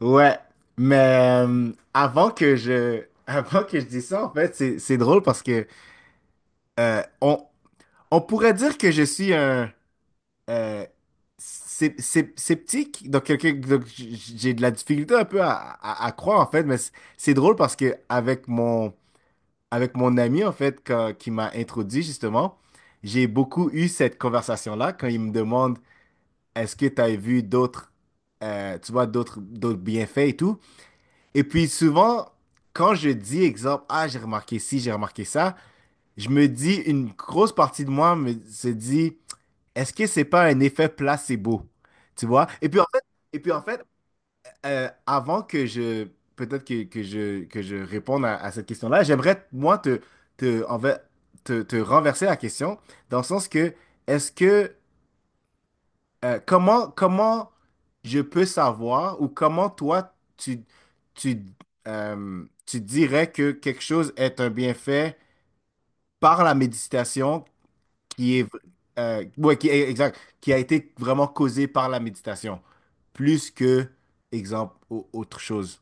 Ouais, mais avant que je avant que je dise ça, en fait, c'est drôle parce que euh, on on pourrait dire que je suis un euh, sceptique, donc quelqu'un donc j'ai de la difficulté un peu à, à croire en fait, mais c'est drôle parce que avec mon ami en fait qui m'a introduit justement, j'ai beaucoup eu cette conversation-là quand il me demande est-ce que tu as vu d'autres tu vois d'autres bienfaits et tout. Et puis souvent, quand je dis exemple, ah, j'ai remarqué ci, j'ai remarqué ça, je me dis, une grosse partie de se dit, est-ce que c'est pas un effet placebo? Tu vois? Et puis en fait avant que je, peut-être que, que je réponde à cette question-là, j'aimerais, moi, te, en fait, te renverser la question, dans le sens que, est-ce que comment je peux savoir ou comment toi, tu, tu dirais que quelque chose est un bienfait par la méditation qui est, exact, qui a été vraiment causé par la méditation, plus que, exemple, autre chose.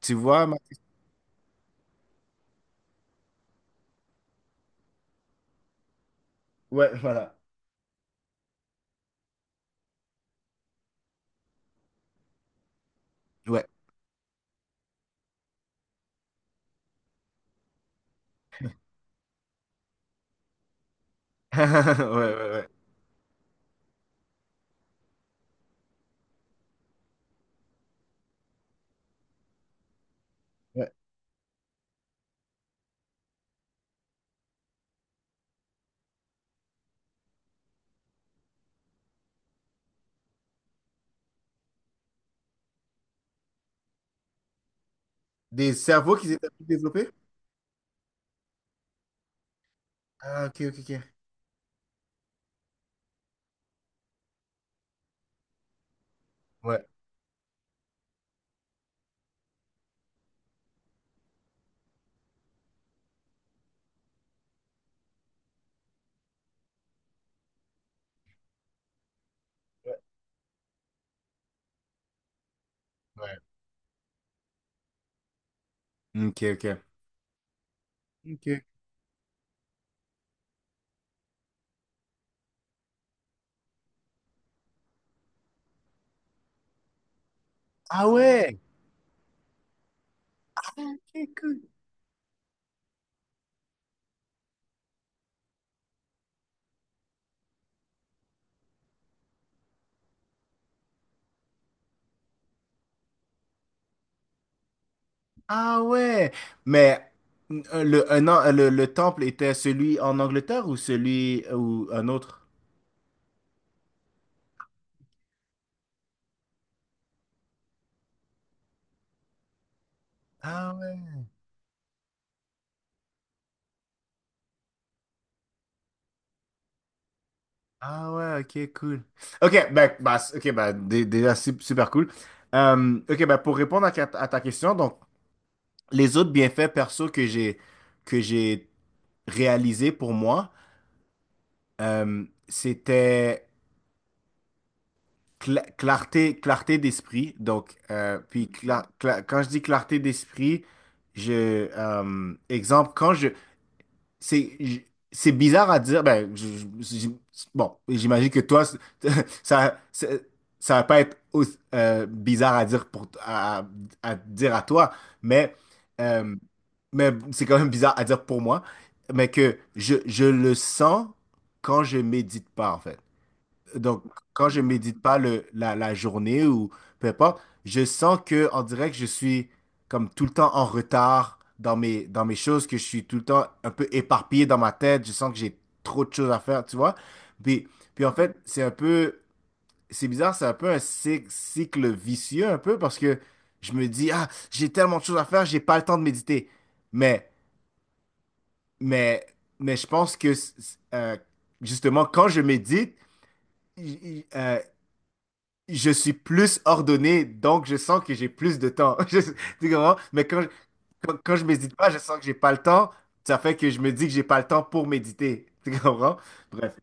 Tu vois. Ouais, voilà. Ouais. Ouais, ouais, ouais. Ouais. Des cerveaux qui étaient plus développés? Ah, ok, ok, ok. Ouais. Ouais. Ok, ok. Ok. Ah ouais! Ah ouais, mais le, un an- le temple était celui en Angleterre ou celui ou un autre? Ah ouais, ah ouais, ok, cool. Ok, ben, bah, déjà super cool. Ok, ben, pour répondre à ta question, donc les autres bienfaits perso que j'ai réalisés pour moi, c'était clarté, clarté d'esprit. Donc, puis quand je dis clarté d'esprit, je, exemple, quand je- c'est bizarre à dire. Ben, je- je- bon, j'imagine que toi, ça, c'est- ça va pas être bizarre à dire à dire à toi, mais euh, mais c'est quand même bizarre à dire pour moi, mais que je le sens quand je médite pas en fait. Donc, quand je médite pas la journée ou peu importe, je sens que en direct, je suis comme tout le temps en retard dans mes choses, que je suis tout le temps un peu éparpillé dans ma tête. Je sens que j'ai trop de choses à faire, tu vois. Puis, puis en fait, c'est bizarre, c'est un peu un cycle vicieux, un peu, parce que je me dis, ah, j'ai tellement de choses à faire, j'ai pas le temps de méditer. Mais, mais, mais je pense que, justement, quand je médite, je suis plus ordonné, donc je sens que j'ai plus de temps. Tu comprends? Mais quand je médite pas, je sens que j'ai pas le temps. Ça fait que je me dis que j'ai pas le temps pour méditer. Tu comprends? Bref.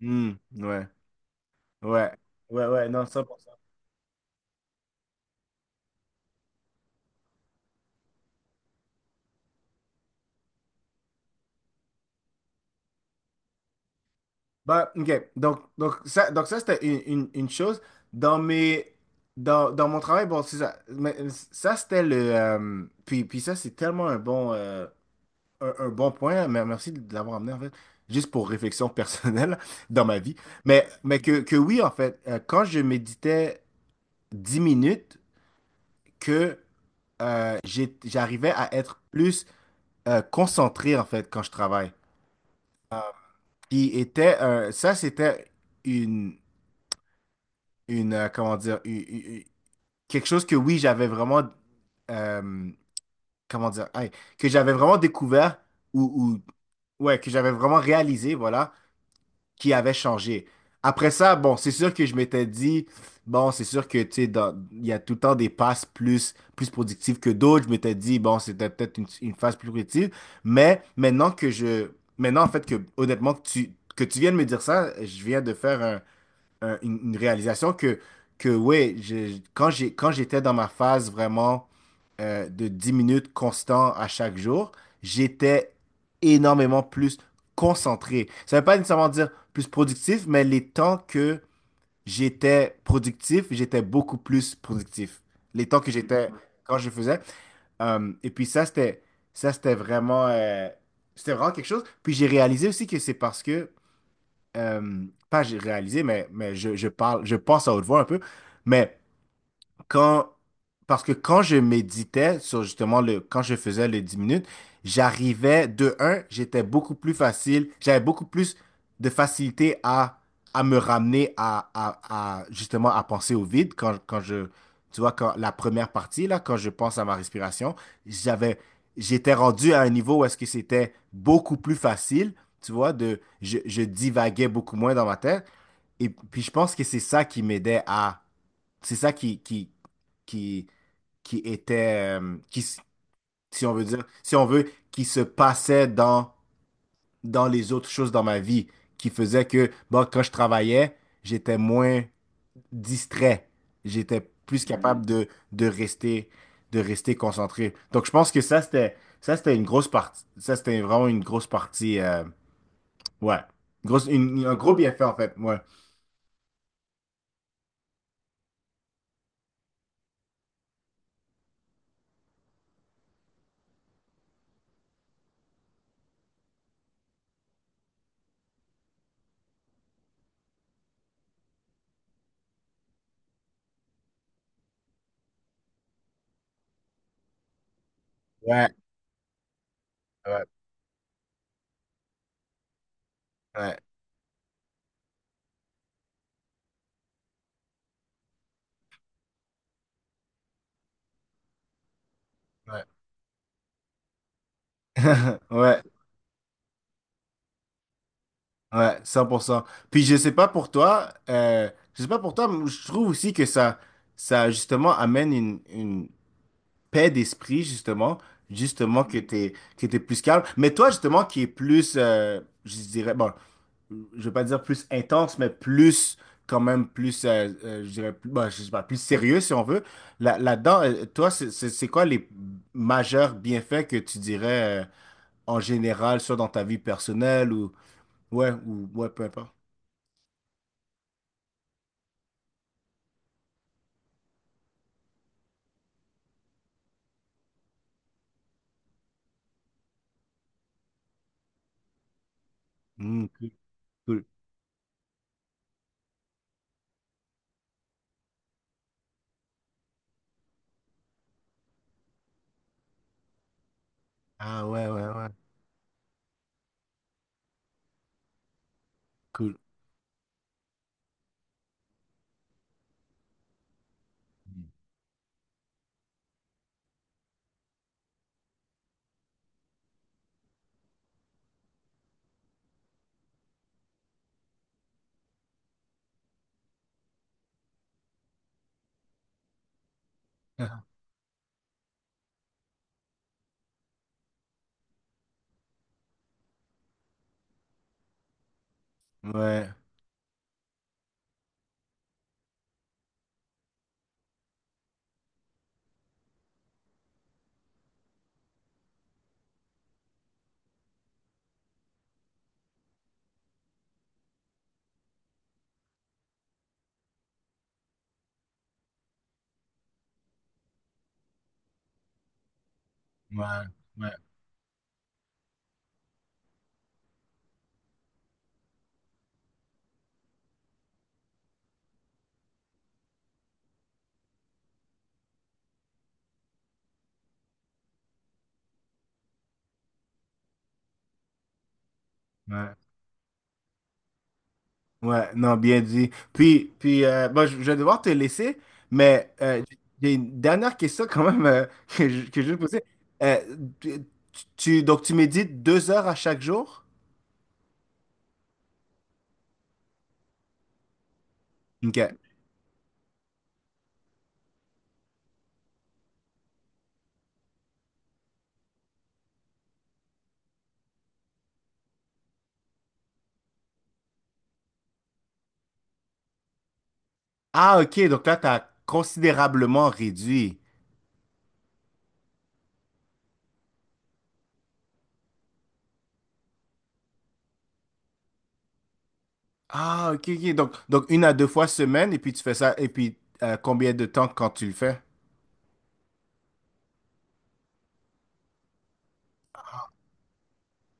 Hmm, ouais. Ouais. Ouais, ouais, non, cent pour cent. Bah, ok. Donc, donc ça c'était une chose. Dans mes, dans mon travail, bon, c'est ça. Mais ça c'était puis ça c'est tellement un bon point, mais merci de l'avoir amené en fait, juste pour réflexion personnelle dans ma vie. Mais que oui, en fait, quand je méditais 10 minutes, que j'arrivais à être plus concentré en fait quand je travaille. Euh, Ça c'était une, une comment dire, quelque chose que oui, j'avais vraiment, euh, comment dire, hey, que j'avais vraiment découvert ou, ouais, que j'avais vraiment réalisé, voilà, qui avait changé. Après ça, bon, c'est sûr que je m'étais dit, bon, c'est sûr que, tu sais, il y a tout le temps des passes plus productives que d'autres. Je m'étais dit, bon, c'était peut-être une phase plus productive. Mais maintenant que je, maintenant, en fait, que, honnêtement, que tu viens de me dire ça, je viens de faire une réalisation que ouais, quand j'étais dans ma phase vraiment de 10 minutes constant à chaque jour, j'étais énormément plus concentré. Ça ne veut pas nécessairement dire plus productif, mais les temps que j'étais productif, j'étais beaucoup plus productif. Les temps que j'étais quand je faisais. Et puis ça c'était vraiment quelque chose. Puis j'ai réalisé aussi que c'est parce que, euh, pas j'ai réalisé, mais je parle, je pense à haute voix un peu, mais quand, parce que quand je méditais sur justement quand je faisais les 10 minutes, j'arrivais de un, j'étais beaucoup plus facile, j'avais beaucoup plus de facilité à me ramener à, justement à penser au vide quand je, tu vois, quand la première partie, là, quand je pense à ma respiration, j'avais, j'étais rendu à un niveau où est-ce que c'était beaucoup plus facile, tu vois, je divaguais beaucoup moins dans ma tête. Et puis je pense que c'est ça qui, qui était, si on veut dire, si on veut, qui se passait dans les autres choses dans ma vie, qui faisait que, bon, quand je travaillais, j'étais moins distrait, j'étais plus capable de rester concentré. Donc, je pense que ça c'était une grosse partie, ça c'était vraiment une grosse partie, ouais, un gros bienfait, en fait, ouais. Ouais, ouais, ouais, ouais. Ouais. Ouais, 100%. Puis je sais pas pour toi, mais je trouve aussi que ça justement amène une paix d'esprit, justement que que t'es plus calme. Mais toi, justement, qui est plus, je dirais, bon, je veux pas dire plus intense, mais plus, quand même, plus, je dirais, plus, bon, je sais pas, plus sérieux, si on veut. Là, là-dedans, toi, c'est quoi les majeurs bienfaits que tu dirais, en général, soit dans ta vie personnelle. Ouais, ou ouais, peu importe. Hmm, cool, cool. Ah ouais, ouais, ouais, cool. Ouais, ouais, ouais, ouais. Ouais, non, bien dit. Puis bon, je vais devoir te laisser, mais j'ai une dernière question quand même que que je vais te poser. Euh, tu, donc, tu médites 2 heures à chaque jour? OK. Ah, OK, donc là, tu as considérablement réduit. Ah, OK, OK. Donc, une à deux fois semaine, et puis tu fais ça, et puis combien de temps quand tu le fais?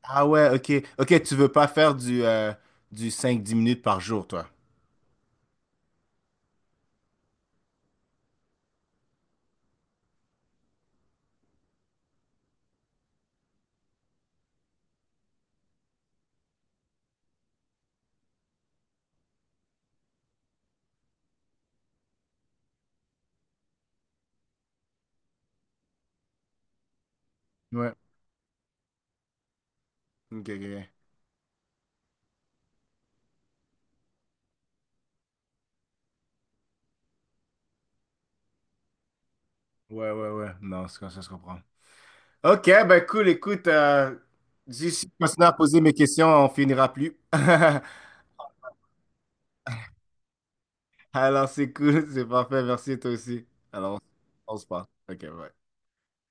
Ah ouais, ok. Ok, tu veux pas faire du 5 à 10 minutes par jour, toi. Ouais. Ok, ok, ok. Ouais, ouais, ouais. Non, c'est comme ça, se comprend. Ok, ben cool, écoute. Si je continue à poser mes questions, on finira plus. Alors, c'est cool, c'est parfait. Merci, toi aussi. Alors, on se parle. Ok, bye.